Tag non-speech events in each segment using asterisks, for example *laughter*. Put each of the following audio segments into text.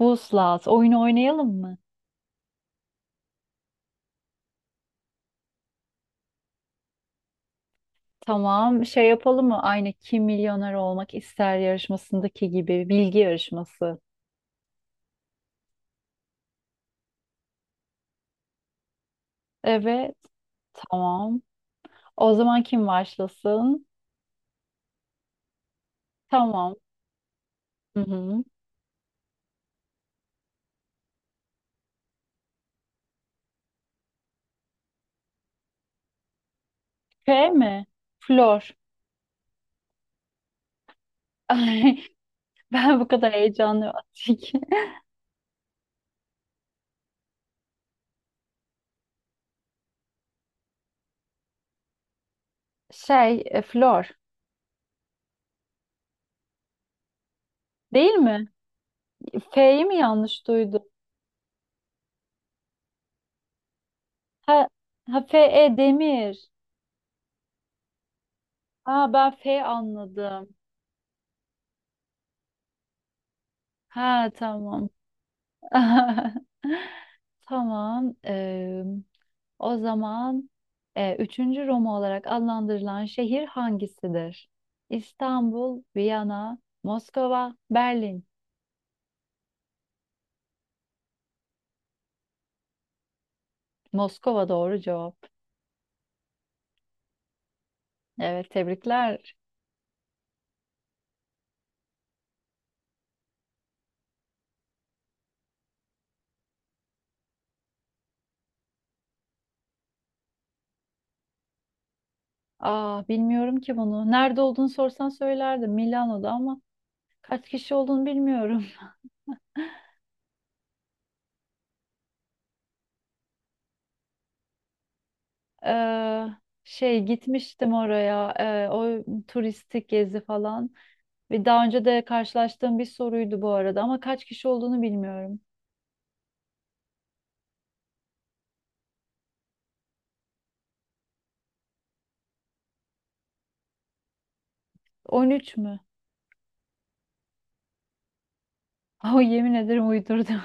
Vuslat, oyunu oynayalım mı? Tamam, şey yapalım mı? Aynı Kim Milyoner Olmak İster yarışmasındaki gibi bilgi yarışması. Evet, tamam. O zaman kim başlasın? Tamam. Hı hı. Şey mi? Flor. *laughs* Ay, ben bu kadar heyecanlıyım artık. Şey, Flor. Değil mi? F'yi mi yanlış duydum? Ha, ha F, E, Demir. Ha, ben F anladım. Ha, tamam. *laughs* Tamam. O zaman üçüncü Roma olarak adlandırılan şehir hangisidir? İstanbul, Viyana, Moskova, Berlin. Moskova doğru cevap. Evet tebrikler. Aa bilmiyorum ki bunu. Nerede olduğunu sorsan söylerdim Milano'da ama kaç kişi olduğunu bilmiyorum. Ee, şey gitmiştim oraya o turistik gezi falan ve daha önce de karşılaştığım bir soruydu bu arada ama kaç kişi olduğunu bilmiyorum. 13 mü? *laughs* O yemin ederim uydurdum.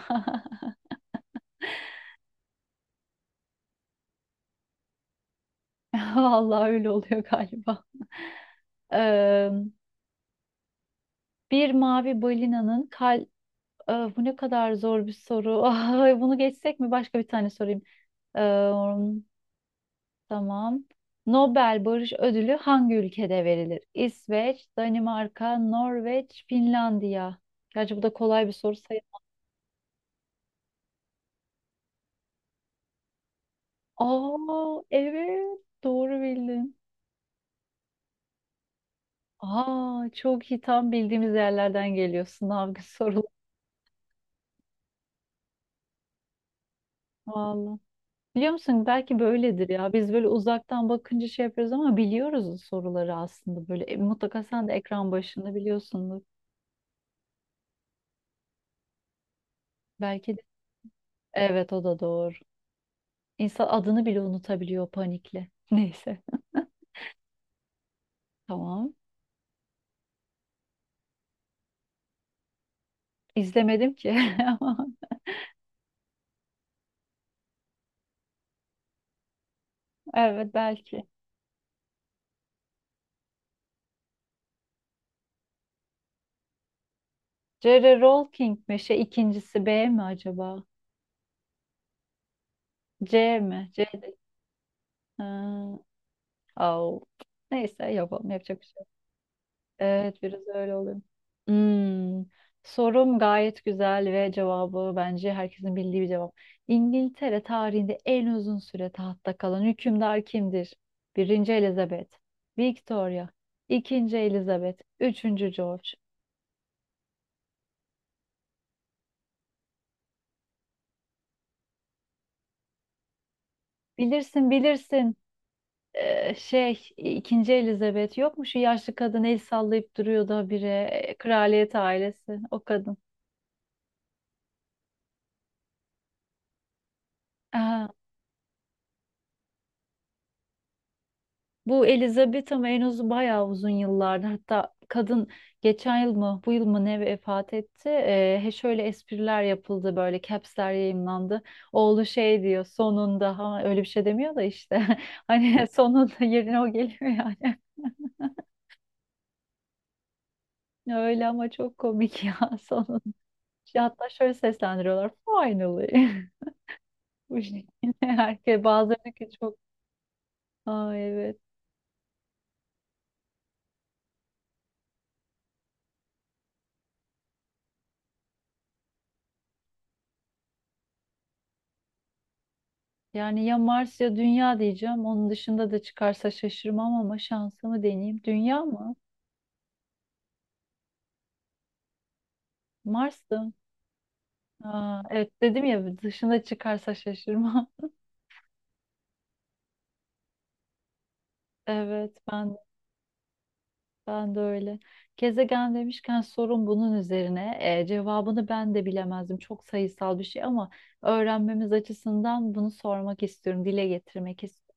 *laughs* Vallahi öyle oluyor galiba. *laughs* Ee, bir mavi balinanın kal Bu ne kadar zor bir soru. *laughs* Ay, bunu geçsek mi? Başka bir tane sorayım. Tamam. Nobel Barış Ödülü hangi ülkede verilir? İsveç, Danimarka, Norveç, Finlandiya. Gerçi bu da kolay bir soru sayılır. Aa evet doğru bildin. Aa çok iyi tam bildiğimiz yerlerden geliyor sınav soruları. Vallahi. *laughs* Biliyor musun belki böyledir ya. Biz böyle uzaktan bakınca şey yapıyoruz ama biliyoruz soruları aslında böyle. Mutlaka sen de ekran başında biliyorsundur. Belki de. Evet o da doğru. İnsan adını bile unutabiliyor panikle. *laughs* Neyse. Tamam. İzlemedim ki. *laughs* Ama evet, belki. J.R. Rowling mi? Şey ikincisi B mi acaba? C mi? Ha, au. Neyse yapalım. Yapacak bir şey yok. Evet biraz öyle oluyor. Hmm. Sorum gayet güzel ve cevabı bence herkesin bildiği bir cevap. İngiltere tarihinde en uzun süre tahtta kalan hükümdar kimdir? Birinci Elizabeth, Victoria, ikinci Elizabeth, üçüncü George. Bilirsin, bilirsin. Şey ikinci Elizabeth yok mu, şu yaşlı kadın el sallayıp duruyordu habire, kraliyet ailesi o kadın. Aha, bu Elizabeth ama en uzun bayağı uzun yıllardır, hatta kadın geçen yıl mı bu yıl mı ne vefat etti. He şöyle espriler yapıldı, böyle capsler yayınlandı. Oğlu şey diyor sonunda ha, öyle bir şey demiyor da işte *laughs* hani sonunda yerine o geliyor yani. *laughs* Öyle ama çok komik ya *laughs* sonunda. Hatta şöyle seslendiriyorlar finally. *laughs* Bu şekilde *laughs* herkes bazıları ki çok. Aa, evet. Yani ya Mars ya Dünya diyeceğim. Onun dışında da çıkarsa şaşırmam ama şansımı deneyeyim. Dünya mı? Mars'tı. Aa, evet dedim ya dışında çıkarsa şaşırmam. *laughs* Evet, ben de öyle. Gezegen demişken sorun bunun üzerine. Cevabını ben de bilemezdim. Çok sayısal bir şey ama öğrenmemiz açısından bunu sormak istiyorum, dile getirmek istiyorum.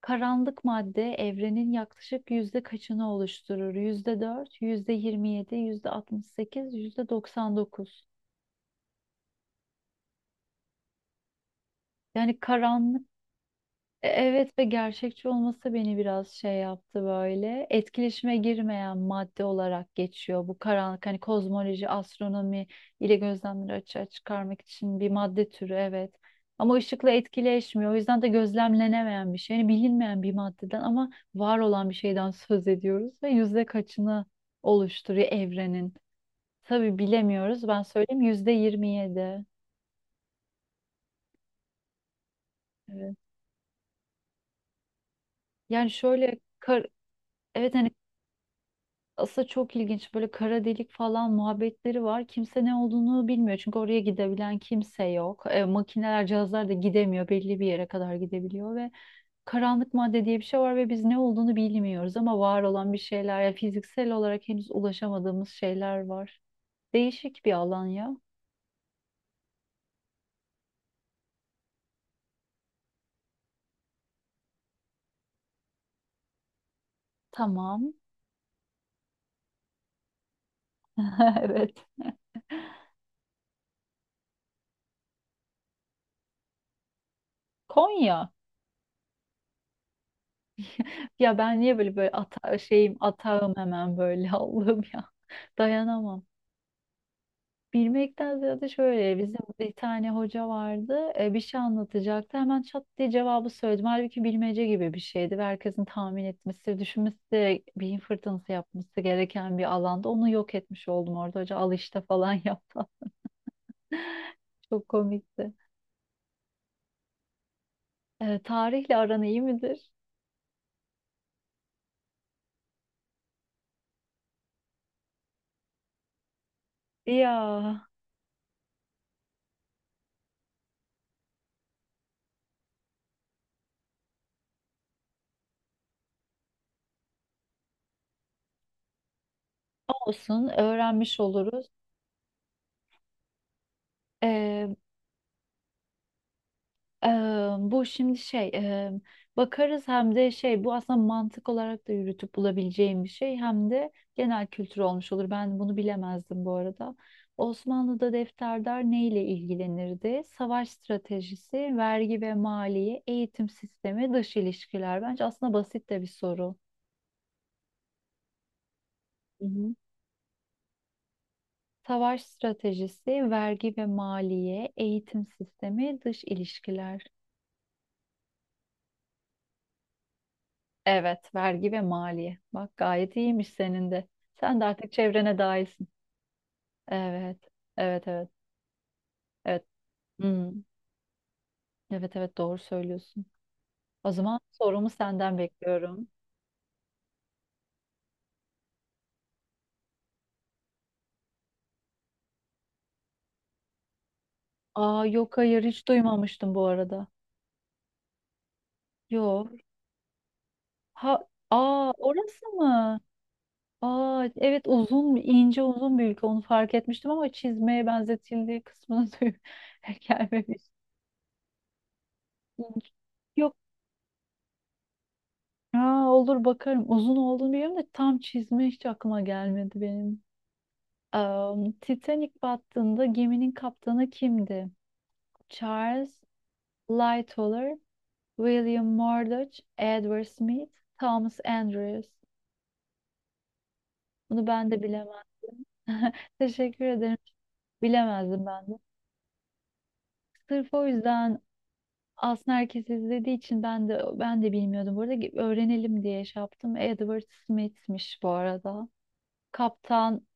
Karanlık madde evrenin yaklaşık yüzde kaçını oluşturur? %4, %27, %68, %99. Yani karanlık Evet, ve gerçekçi olması beni biraz şey yaptı böyle. Etkileşime girmeyen madde olarak geçiyor. Bu karanlık hani kozmoloji, astronomi ile gözlemleri açığa çıkarmak için bir madde türü evet. Ama ışıkla etkileşmiyor. O yüzden de gözlemlenemeyen bir şey. Yani bilinmeyen bir maddeden ama var olan bir şeyden söz ediyoruz ve yüzde kaçını oluşturuyor evrenin. Tabii bilemiyoruz. Ben söyleyeyim %27. Evet. Yani şöyle kar- evet, hani aslında çok ilginç böyle kara delik falan muhabbetleri var. Kimse ne olduğunu bilmiyor çünkü oraya gidebilen kimse yok. Makineler, cihazlar da gidemiyor. Belli bir yere kadar gidebiliyor ve karanlık madde diye bir şey var ve biz ne olduğunu bilmiyoruz ama var olan bir şeyler, ya fiziksel olarak henüz ulaşamadığımız şeyler var. Değişik bir alan ya. Tamam. *laughs* Evet. Konya. Ya ben niye böyle böyle ata şeyim atağım hemen böyle *laughs* Allah'ım ya. Dayanamam. Bilmekten ziyade şöyle bizim bir tane hoca vardı, bir şey anlatacaktı, hemen çat diye cevabı söyledim. Halbuki bilmece gibi bir şeydi ve herkesin tahmin etmesi, düşünmesi, beyin fırtınası yapması gereken bir alanda onu yok etmiş oldum, orada hoca al işte falan yaptı. *laughs* Çok komikti. Tarihle aran iyi midir? Ya olsun öğrenmiş oluruz. E, Eee, bu şimdi şey, bakarız, hem de şey bu aslında mantık olarak da yürütüp bulabileceğim bir şey hem de genel kültür olmuş olur. Ben bunu bilemezdim bu arada. Osmanlı'da defterdar neyle ilgilenirdi? Savaş stratejisi, vergi ve maliye, eğitim sistemi, dış ilişkiler. Bence aslında basit de bir soru. Hı hı. Savaş stratejisi, vergi ve maliye, eğitim sistemi, dış ilişkiler. Evet, vergi ve maliye. Bak gayet iyiymiş senin de. Sen de artık çevrene dahilsin. Evet, evet, evet, evet. Hmm, evet, evet, doğru söylüyorsun. O zaman sorumu senden bekliyorum. Aa, yok hayır hiç duymamıştım bu arada. Yok. Ha, aa orası mı? Aa, evet uzun, ince uzun bir ülke, onu fark etmiştim ama çizmeye benzetildiği kısmına *laughs* gelmemiş. Yok. Aa, olur bakarım. Uzun olduğunu biliyorum da tam çizme hiç aklıma gelmedi benim. Titanic battığında geminin kaptanı kimdi? Charles Lightoller, William Murdoch, Edward Smith, Thomas Andrews. Bunu ben de bilemem. *laughs* Teşekkür ederim. Bilemezdim ben de. Sırf o yüzden aslında herkes izlediği için ben de bilmiyordum. Burada öğrenelim diye şey yaptım. Edward Smith'miş bu arada. Kaptan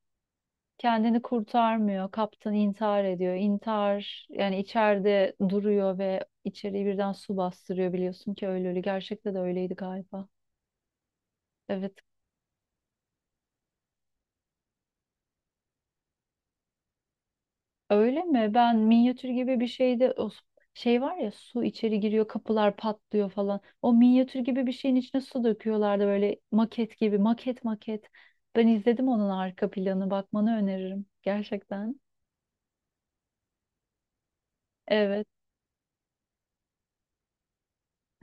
kendini kurtarmıyor. Kaptan intihar ediyor. İntihar yani içeride duruyor ve içeriği birden su bastırıyor biliyorsun ki öyle öyle. Gerçekte de öyleydi galiba. Evet. Öyle mi? Ben minyatür gibi bir şeyde o şey var ya, su içeri giriyor, kapılar patlıyor falan. O minyatür gibi bir şeyin içine su döküyorlardı böyle maket gibi, maket maket. Ben izledim, onun arka planı bakmanı öneririm gerçekten. Evet.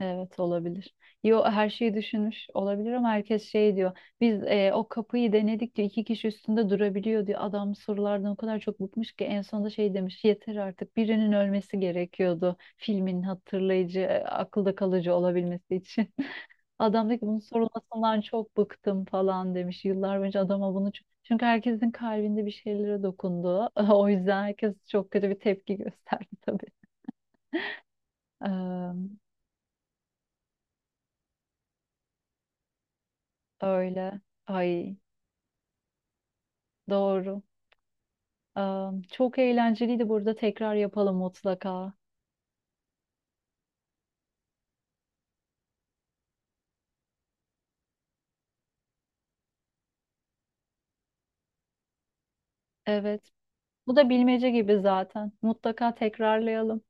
Evet olabilir. Yo her şeyi düşünmüş olabilir ama herkes şey diyor. Biz o kapıyı denedik diyor. İki kişi üstünde durabiliyor diyor. Adam sorulardan o kadar çok bıkmış ki en sonunda şey demiş. Yeter artık, birinin ölmesi gerekiyordu. Filmin hatırlayıcı, akılda kalıcı olabilmesi için. *laughs* Adam diyor ki bunun sorulmasından çok bıktım falan demiş. Yıllar boyunca adama bunu çok... Çünkü herkesin kalbinde bir şeylere dokundu. *laughs* O yüzden herkes çok kötü bir tepki gösterdi tabii. Eee, öyle. Ay doğru. Çok eğlenceliydi burada. Tekrar yapalım mutlaka. Evet. Bu da bilmece gibi zaten. Mutlaka tekrarlayalım.